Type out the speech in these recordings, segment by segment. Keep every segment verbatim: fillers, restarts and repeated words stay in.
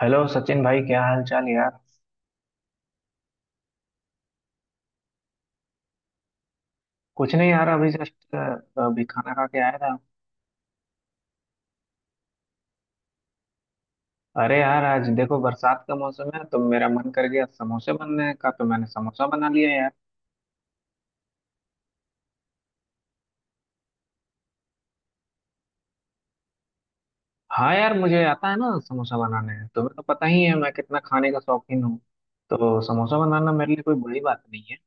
Hello Sachin भाई, क्या हाल चाल यार। कुछ नहीं यार, अभी जस्ट अभी खाना खा के आया था। अरे यार, आज देखो बरसात का मौसम है तो मेरा मन कर गया समोसे बनने का, तो मैंने समोसा बना लिया यार। हाँ यार, मुझे आता है ना समोसा बनाने, तुम्हें तो पता ही है मैं कितना खाने का शौकीन हूँ। तो समोसा बनाना मेरे लिए कोई बड़ी बात नहीं है।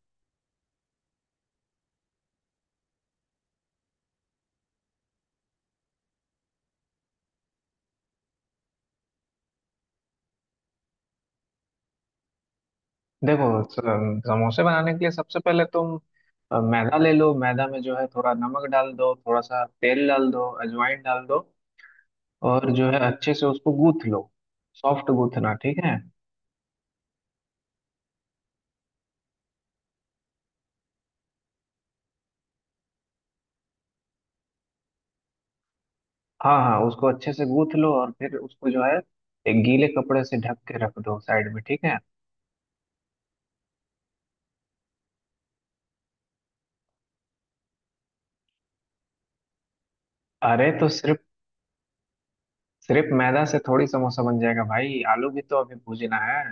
देखो, स- समोसे बनाने के लिए सबसे पहले तुम अ, मैदा ले लो। मैदा में जो है थोड़ा नमक डाल दो, थोड़ा सा तेल डाल दो, अजवाइन डाल दो, और जो है अच्छे से उसको गूथ लो। सॉफ्ट गूथना, ठीक है। हाँ हाँ, उसको अच्छे से गूथ लो और फिर उसको जो है एक गीले कपड़े से ढक के रख दो साइड में, ठीक है। अरे तो सिर्फ सिर्फ मैदा से थोड़ी समोसा बन जाएगा भाई, आलू भी तो अभी भूजना है।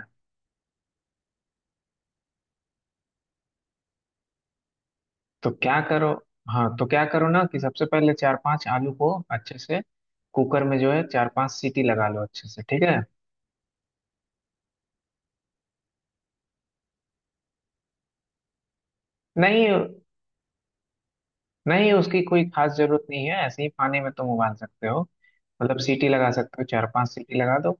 तो क्या करो, हाँ तो क्या करो ना, कि सबसे पहले चार पांच आलू को अच्छे से कुकर में जो है चार पांच सीटी लगा लो अच्छे से, ठीक है। नहीं नहीं, उसकी कोई खास जरूरत नहीं है, ऐसे ही पानी में तुम उबाल सकते हो। मतलब सीटी लगा सकते हो, चार पांच सीटी लगा दो।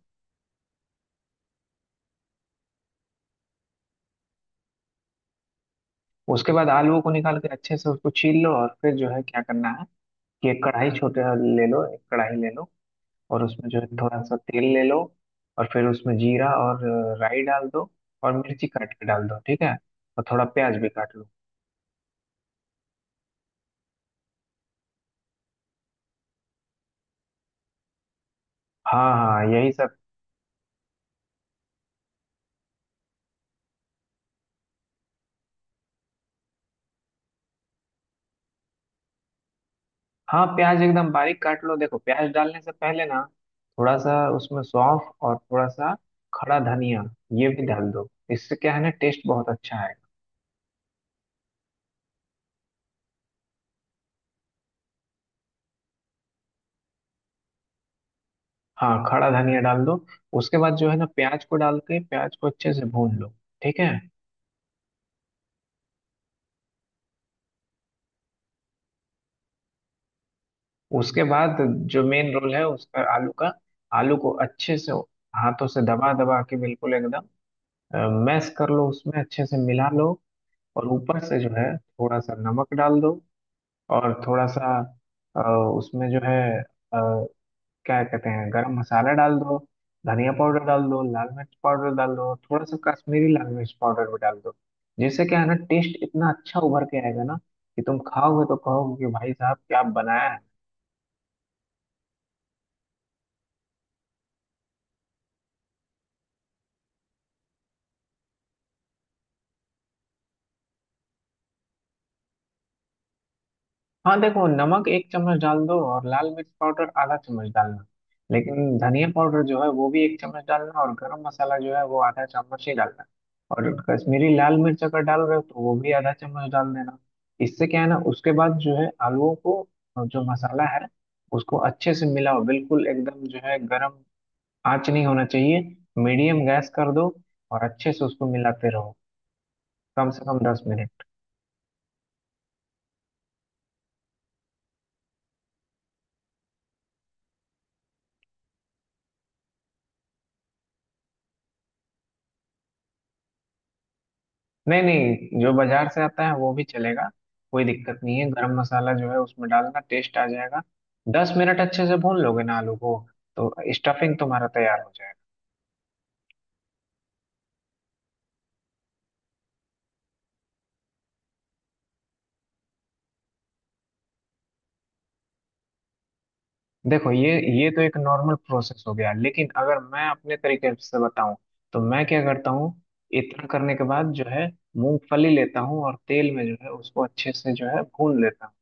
उसके बाद आलू को निकाल के अच्छे से उसको छील लो, और फिर जो है क्या करना है कि एक कढ़ाई छोटे ले लो। एक कढ़ाई ले लो और उसमें जो है थोड़ा सा तेल ले लो, और फिर उसमें जीरा और अ, राई डाल दो, और मिर्ची काट के डाल दो, ठीक है। और थोड़ा प्याज भी काट लो। हाँ हाँ, यही सब। हाँ, प्याज एकदम बारीक काट लो। देखो, प्याज डालने से पहले ना थोड़ा सा उसमें सौंफ और थोड़ा सा खड़ा धनिया ये भी डाल दो, इससे क्या है ना टेस्ट बहुत अच्छा है। हाँ, खड़ा धनिया डाल दो। उसके बाद जो है ना, प्याज को डाल के प्याज को अच्छे से भून लो, ठीक है। उसके बाद जो मेन रोल है उसका, आलू का। आलू को अच्छे से हाथों से दबा दबा के बिल्कुल एकदम मैश कर लो, उसमें अच्छे से मिला लो। और ऊपर से जो है थोड़ा सा नमक डाल दो, और थोड़ा सा अ, उसमें जो है क्या कहते हैं गरम मसाला डाल दो, धनिया पाउडर डाल दो, लाल मिर्च पाउडर डाल दो, थोड़ा सा कश्मीरी लाल मिर्च पाउडर भी डाल दो। जिससे क्या है ना, टेस्ट इतना अच्छा उभर के आएगा ना, कि तुम खाओगे तो कहोगे कि भाई साहब क्या बनाया है। हाँ देखो, नमक एक चम्मच डाल दो, और लाल मिर्च पाउडर आधा चम्मच डालना। लेकिन धनिया पाउडर जो है वो भी एक चम्मच डालना, और गरम मसाला जो है वो आधा चम्मच ही डालना। और कश्मीरी लाल मिर्च अगर डाल रहे हो तो वो भी आधा चम्मच डाल देना। इससे क्या है ना, उसके बाद जो है आलूओं को जो मसाला है उसको अच्छे से मिलाओ। बिल्कुल एकदम जो है गरम आंच नहीं होना चाहिए, मीडियम गैस कर दो और अच्छे से उसको मिलाते रहो कम से कम दस मिनट। नहीं नहीं, जो बाजार से आता है वो भी चलेगा, कोई दिक्कत नहीं है। गरम मसाला जो है उसमें डालना, टेस्ट आ जाएगा। दस मिनट अच्छे से भून लोगे ना आलू को, तो स्टफिंग तुम्हारा तैयार हो जाएगा। देखो ये ये तो एक नॉर्मल प्रोसेस हो गया, लेकिन अगर मैं अपने तरीके से बताऊं तो मैं क्या करता हूँ। इतना करने के बाद जो है मूंगफली लेता हूँ और तेल में जो है उसको अच्छे से जो है भून लेता हूँ।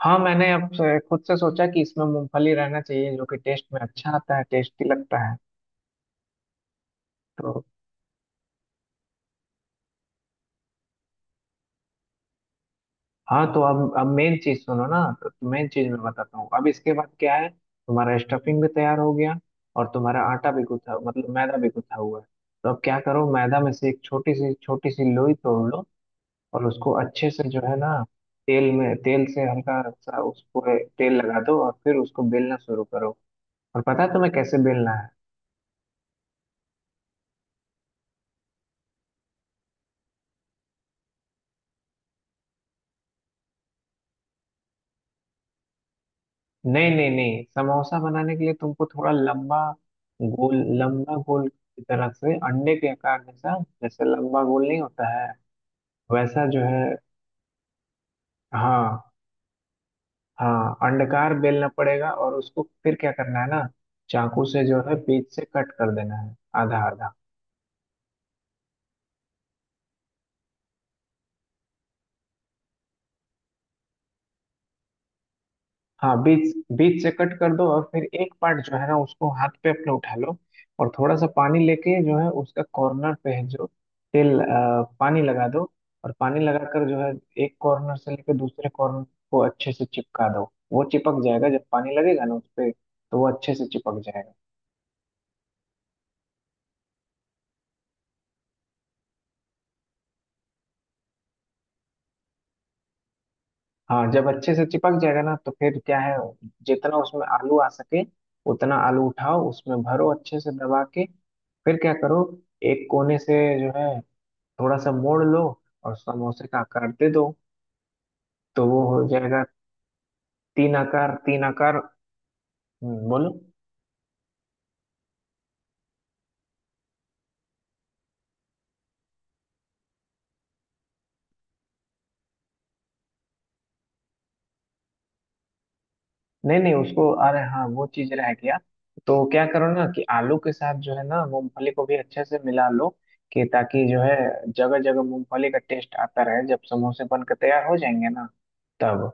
हाँ, मैंने अब से- खुद से सोचा कि इसमें मूंगफली रहना चाहिए, जो कि टेस्ट में अच्छा आता है, टेस्टी लगता है। तो हाँ, तो अब अब मेन चीज सुनो ना। तो मेन चीज मैं बताता हूँ अब, इसके बाद क्या है, तुम्हारा स्टफिंग भी तैयार हो गया और तुम्हारा आटा भी गूथा, मतलब मैदा भी गूथा हुआ है। तो अब क्या करो, मैदा में से एक छोटी सी छोटी सी लोई तोड़ लो, और उसको अच्छे से जो है ना तेल में तेल से हल्का सा उसको तेल लगा दो, और फिर उसको बेलना शुरू करो। और पता है तुम्हें कैसे बेलना है। नहीं नहीं नहीं, समोसा बनाने के लिए तुमको थोड़ा लंबा गोल, लंबा गोल की तरह से, अंडे के आकार जैसा, जैसे लंबा गोल नहीं होता है वैसा जो है। हाँ हाँ, अंडाकार बेलना पड़ेगा और उसको फिर क्या करना है ना, चाकू से जो है बीच से कट कर देना है, आधा आधा। हाँ, बीच बीच से कट कर दो, और फिर एक पार्ट जो है ना उसको हाथ पे अपने उठा लो, और थोड़ा सा पानी लेके जो है उसका कॉर्नर पे है जो तेल अ, पानी लगा दो। और पानी लगाकर जो है एक कॉर्नर से लेकर दूसरे कॉर्नर को अच्छे से चिपका दो। वो चिपक जाएगा, जब पानी लगेगा ना उस पे तो वो अच्छे से चिपक जाएगा। हाँ, जब अच्छे से चिपक जाएगा ना, तो फिर क्या है जितना उसमें आलू आ सके उतना आलू उठाओ, उसमें भरो अच्छे से दबा के। फिर क्या करो, एक कोने से जो है थोड़ा सा मोड़ लो और समोसे का आकार दे दो, तो वो हो जाएगा। तीन आकार, तीन आकार। हम्म, बोलो। नहीं नहीं, उसको, अरे हाँ वो चीज रह गया। तो क्या करो ना, कि आलू के साथ जो है ना मूंगफली को भी अच्छे से मिला लो, कि ताकि जो है जगह जगह मूंगफली का टेस्ट आता रहे, जब समोसे बन के तैयार हो जाएंगे ना, तब।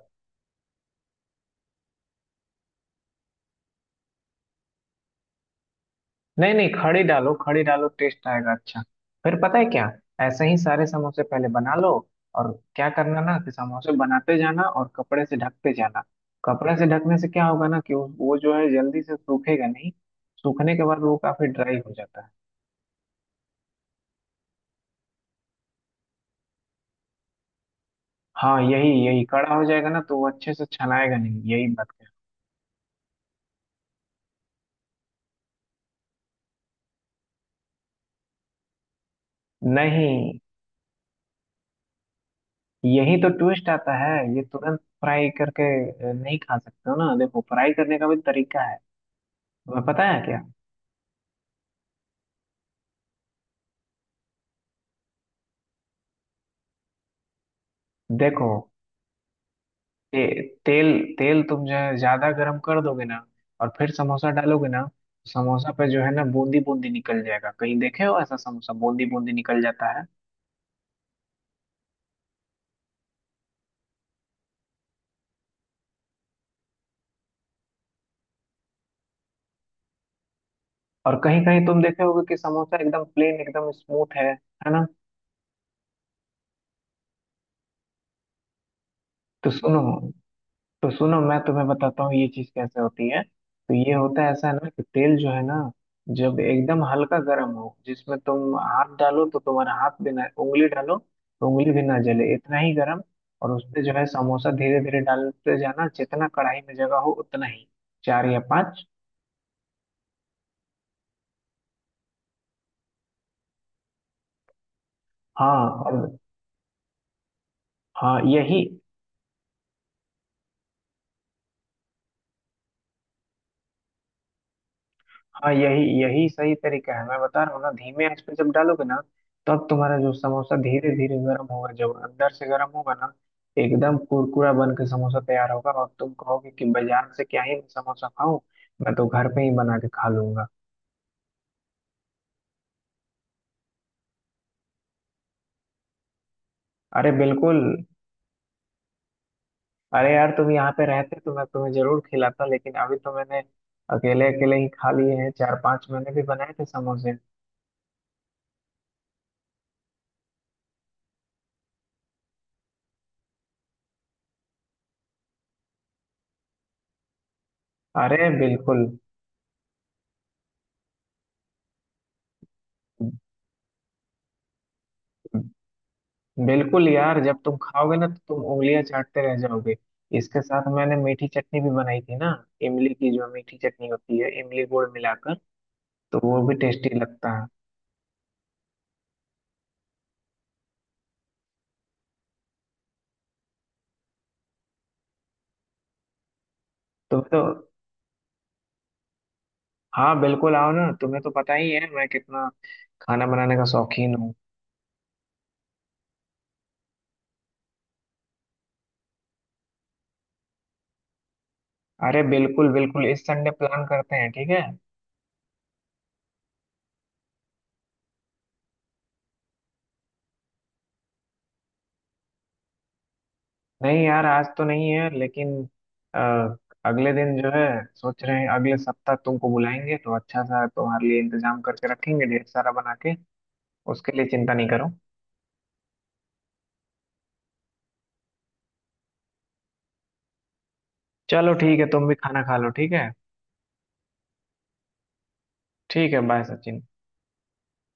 नहीं नहीं, खड़ी डालो, खड़ी डालो, टेस्ट आएगा अच्छा। फिर पता है क्या, ऐसे ही सारे समोसे पहले बना लो, और क्या करना ना, कि समोसे बनाते जाना और कपड़े से ढकते जाना। कपड़े से ढकने से क्या होगा ना, कि वो वो जो है जल्दी से सूखेगा नहीं। सूखने के बाद वो काफी ड्राई हो जाता है। हाँ, यही यही कड़ा हो जाएगा ना, तो वो अच्छे से छनाएगा नहीं, यही बात है। नहीं, यही तो ट्विस्ट आता है, ये तुरंत फ्राई करके अ, नहीं खा सकते हो ना। देखो, फ्राई करने का भी तरीका है, तुम्हें पता है क्या। देखो, ते, तेल तेल तुम जो है ज्यादा गर्म कर दोगे ना, और फिर समोसा डालोगे ना, समोसा पे जो है ना बूंदी बूंदी निकल जाएगा। कहीं देखे हो ऐसा, समोसा बूंदी बूंदी निकल जाता है। और कहीं कहीं तुम देखे होगे कि समोसा एकदम प्लेन, एकदम स्मूथ है है ना। तो सुनो, तो सुनो मैं तुम्हें बताता हूँ ये चीज कैसे होती है। तो ये होता है ऐसा है ना, कि तेल जो है ना, जब एकदम हल्का गर्म हो, जिसमें तुम हाथ डालो तो तुम्हारा हाथ भी ना, उंगली डालो तो उंगली भी ना जले, इतना ही गर्म। और उसमें जो है समोसा धीरे धीरे डालते जाना, जितना कढ़ाई में जगह हो उतना ही, चार या पांच। हाँ और हाँ यही हाँ यही यही सही तरीका है, मैं बता रहा हूँ ना, धीमे आंच पे जब डालोगे ना, तब तुम्हारा जो समोसा धीरे धीरे गर्म होगा, जब अंदर से गर्म होगा ना, एकदम कुरकुरा बन के समोसा तैयार होगा, और तुम कहोगे कि बाजार से क्या ही मैं समोसा खाऊं, मैं तो घर पे ही बना के खा लूंगा। अरे बिल्कुल। अरे यार, तुम यहाँ पे रहते तो मैं तुम्हें जरूर खिलाता, लेकिन अभी तो मैंने अकेले अकेले ही खा लिए हैं। चार पांच मैंने भी बनाए थे समोसे। अरे बिल्कुल, बिल्कुल यार, जब तुम खाओगे ना तो तुम उंगलियां चाटते रह जाओगे। इसके साथ मैंने मीठी चटनी भी बनाई थी ना, इमली की जो मीठी चटनी होती है, इमली गुड़ मिलाकर, तो वो भी टेस्टी लगता है। तुम तो, हाँ बिल्कुल, आओ ना, तुम्हें तो पता ही है मैं कितना खाना बनाने का शौकीन हूँ। अरे बिल्कुल बिल्कुल, इस संडे प्लान करते हैं, ठीक है। नहीं यार, आज तो नहीं है लेकिन अ, अगले दिन जो है सोच रहे हैं अगले सप्ताह तुमको बुलाएंगे, तो अच्छा सा तुम्हारे लिए इंतजाम करके रखेंगे, ढेर सारा बना के। उसके लिए चिंता नहीं करो। चलो ठीक है, तुम भी खाना खा लो, ठीक है। ठीक है, बाय सचिन।